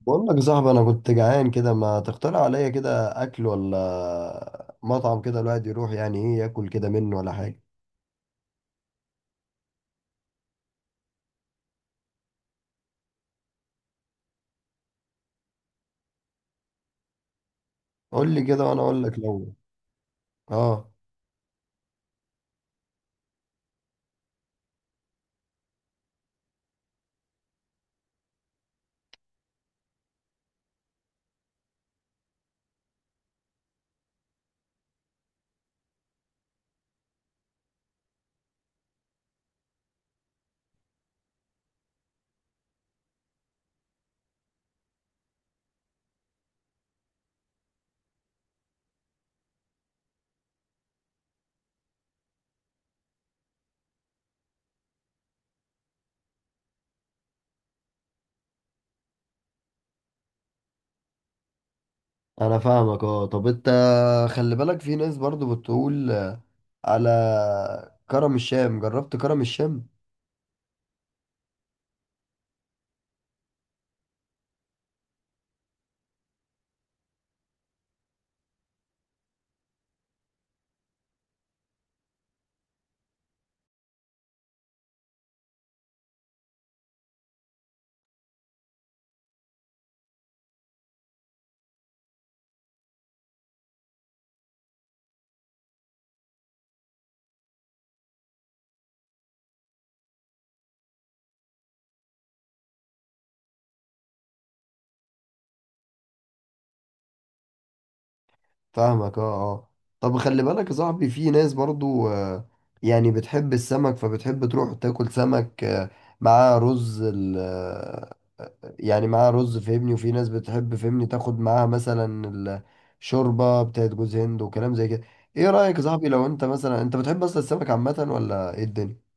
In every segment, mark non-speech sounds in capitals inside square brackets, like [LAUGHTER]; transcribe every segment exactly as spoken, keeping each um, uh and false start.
بقول لك يا صاحبي انا كنت جعان كده. ما تقترح عليا كده اكل ولا مطعم كده الواحد يروح يعني ايه ياكل كده منه ولا حاجه؟ قول لي كده وانا اقول لك. لو اه، انا فاهمك اه. طب انت خلي بالك في ناس برضو بتقول آه، على كرم الشام. جربت كرم الشام؟ فاهمك اه. اه طب خلي بالك يا صاحبي، في ناس برضو آه، يعني بتحب السمك، فبتحب تروح تاكل سمك آه، مع رز. يعني معاها رز، فهمني، وفي ناس بتحب فهمني تاخد معاها مثلا الشوربة بتاعت جوز هند وكلام زي كده. ايه رأيك يا صاحبي، لو انت مثلا انت بتحب اصلا السمك عامة ولا ايه الدنيا؟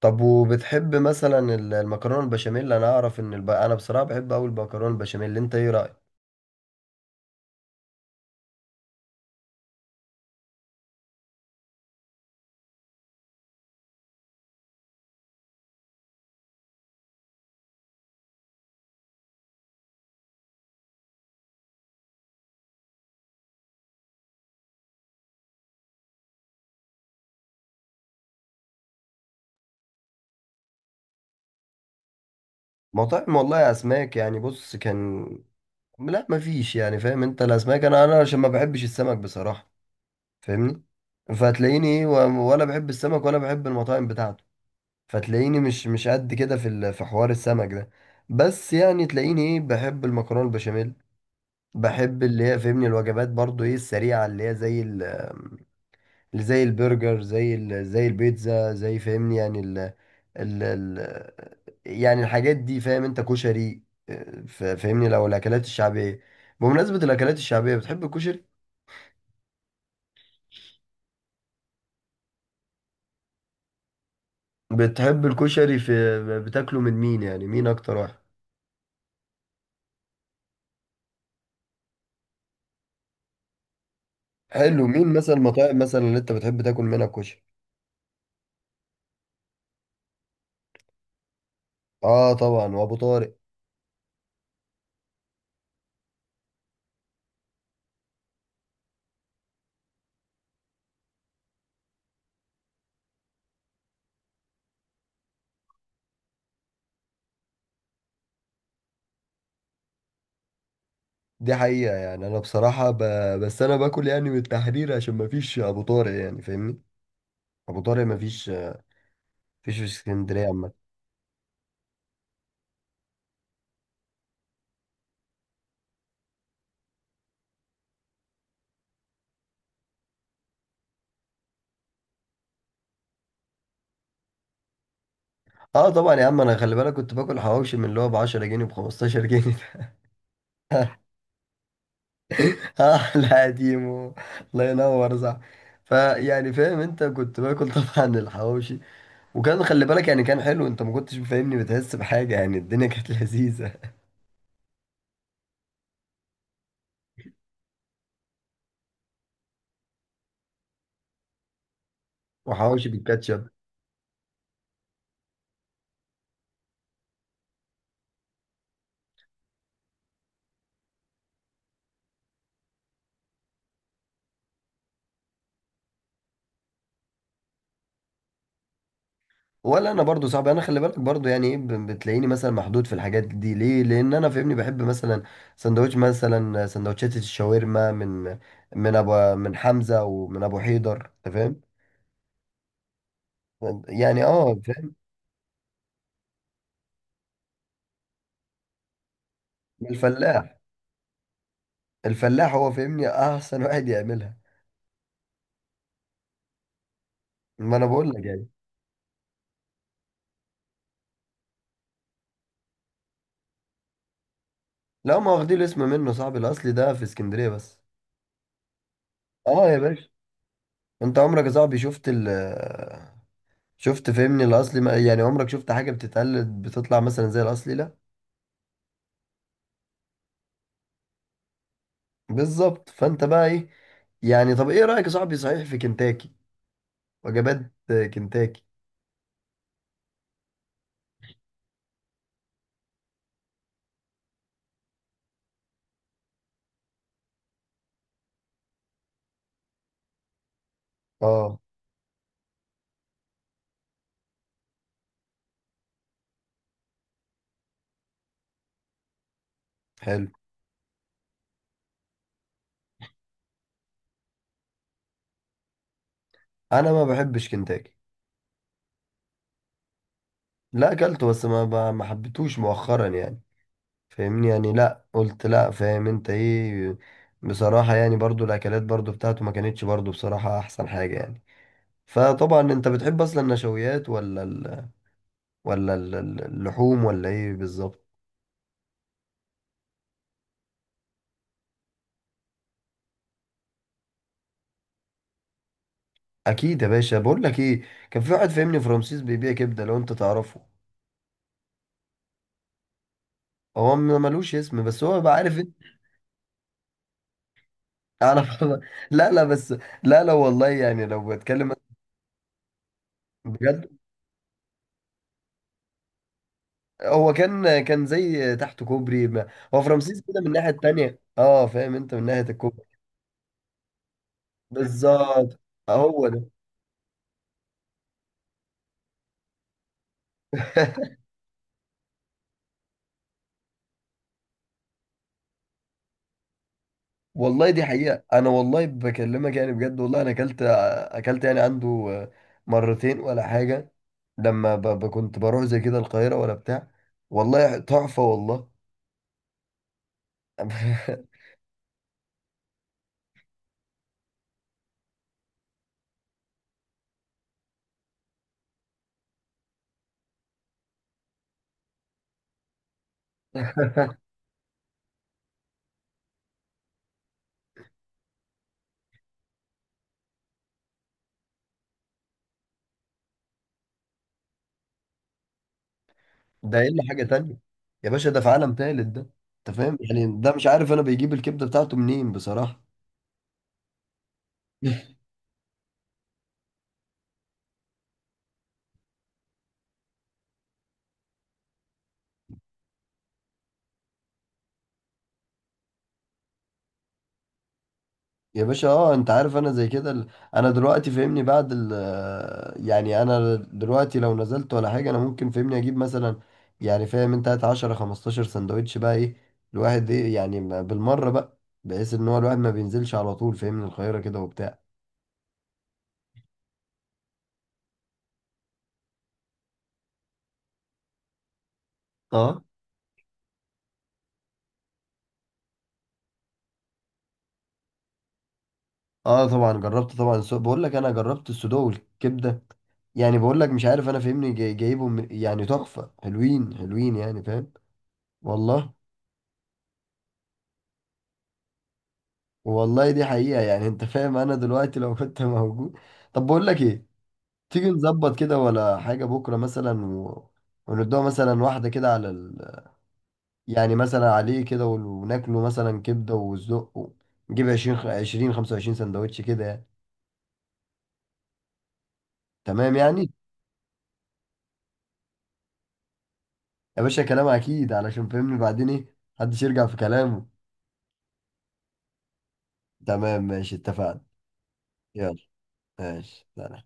طب وبتحب مثلا ال- المكرونة البشاميل؟ انا اعرف ان الب... انا بصراحة بحب اوي المكرونة البشاميل. انت ايه رأيك؟ مطاعم، والله يا اسماك، يعني بص كان، لا مفيش. يعني فاهم انت، الاسماك انا انا عشان ما بحبش السمك بصراحة، فاهمني. فهتلاقيني ايه و- ولا بحب السمك ولا بحب المطاعم بتاعته. فتلاقيني مش مش قد كده في ال- في حوار السمك ده. بس يعني تلاقيني ايه، بحب المكرونه البشاميل. بحب اللي هي فهمني الوجبات برضو ايه السريعه، اللي هي زي ال اللي زي البرجر، زي ال زي البيتزا، زي فهمني يعني ال ال ال يعني الحاجات دي، فاهم؟ انت كشري، اه، ف- فاهمني، لو الاكلات الشعبيه. بمناسبه الاكلات الشعبيه، بتحب الكشري؟ بتحب الكشري في بتاكله من مين يعني، مين اكتر واحد؟ حلو، مين مثلا المطاعم مثلا اللي انت بتحب تاكل منها كشري؟ اه طبعا، وابو طارق. دي حقيقة. يعني انا بصراحة ب... بس انا باكل يعني من التحرير عشان ما فيش ابو طارق، يعني فاهمني. ابو طارق ما فيش. فيش في اسكندرية عامة. اه طبعا يا عم. انا خلي بالك كنت باكل حواوشي من اللي هو ب عشرة جنيه، ب خمستاشر جنيه. [LAUGHS] اه لا قديم، الله ينور، صح. فيعني فاهم انت، كنت باكل طبعا الحواوشي، وكان خلي بالك يعني كان حلو. انت ما كنتش فاهمني بتحس بحاجة، يعني الدنيا كانت [LAUGHS] لذيذة. وحواوشي بالكاتشب. ولا انا برضو صعب. انا خلي بالك برضو يعني ايه، ب- بتلاقيني مثلا محدود في الحاجات دي. ليه؟ لان انا فاهمني بحب مثلا سندوتش، مثلا سندوتشات الشاورما من من ابو من حمزة ومن ابو حيدر، انت فاهم. يعني اه فاهم. الفلاح. الفلاح هو فاهمني احسن واحد يعملها. ما انا بقول لك يعني. لا ما واخدين الاسم منه صاحبي. الاصلي ده في اسكندرية بس. اه يا باشا. انت عمرك يا صاحبي شفت ال شفت فاهمني الاصلي ما- يعني عمرك شفت حاجة بتتقلد بتطلع مثلا زي الاصلي؟ لا. بالظبط. فانت بقى ايه، يعني طب ايه رأيك يا صاحبي صحيح في كنتاكي؟ وجبات كنتاكي. اه، حلو. انا ما بحبش كنتاكي. لا اكلته، بس ما ما ما حبيتهوش مؤخرا يعني. فاهمني؟ يعني لا، قلت لا، فاهم انت ايه. بصراحة يعني برضو الاكلات برضو بتاعته ما كانتش برضو بصراحة احسن حاجة يعني. فطبعا انت بتحب اصلا النشويات ولا ال... ولا ال- ال- اللحوم ولا ايه بالظبط؟ اكيد يا باشا، بقول لك ايه، كان في واحد فاهمني في رمسيس بيبيع كبدة، لو انت تعرفه. هو ما- ملوش اسم، بس هو بقى عارف انت. اعرف. [LAUGHS] لا لا بس، لا لا والله، يعني لو بتكلم بجد. هو كان كان زي تحت كوبري ما. هو في رمسيس كده من الناحية التانية، اه فاهم انت، من ناحية الكوبري. بالظبط، هو ده. [LAUGHS] والله دي حقيقة. أنا والله بكلمك يعني بجد. والله أنا أكلت، أكلت يعني عنده مرتين ولا حاجة، لما ب... ب- كنت بروح زي كده القاهرة ولا بتاع. والله تحفة، والله. [LAUGHS] ده الا حاجه تانية. يا باشا ده في عالم تالت ده. انت فاهم، يعني ده مش عارف انا بيجيب الكبده بتاعته منين بصراحه. [LAUGHS] يا باشا، اه انت عارف انا زي كده ال- انا دلوقتي فاهمني بعد ال يعني انا دلوقتي لو نزلت ولا حاجه، انا ممكن فاهمني اجيب مثلا، يعني فاهم انت، هات عشرة خمستاشر سندوتش بقى ايه، الواحد ايه يعني ما- بالمره بقى، بحيث ان هو الواحد ما بينزلش على طول فاهمني القاهره كده وبتاع. اه. اه طبعا جربت، طبعا السو... بقول لك انا جربت السودو والكبده. يعني بقول لك مش عارف انا فاهمني جاي... جايبهم من- يعني تحفه، حلوين حلوين يعني فاهم. والله. والله دي حقيقه. يعني انت فاهم انا دلوقتي لو كنت موجود. طب بقول لك ايه، تيجي نظبط كده ولا حاجه بكره مثلا و... وندوها مثلا واحده كده على ال... يعني مثلا عليه كده ون- وناكله مثلا كبده وزق، نجيب عشرين عشرين خمسة وعشرين سندوتش كده يعني. تمام يعني. يا باشا كلام اكيد، علشان فهمني بعدين ايه، محدش يرجع في كلامه. تمام ماشي، اتفقنا. يلا ماشي، سلام.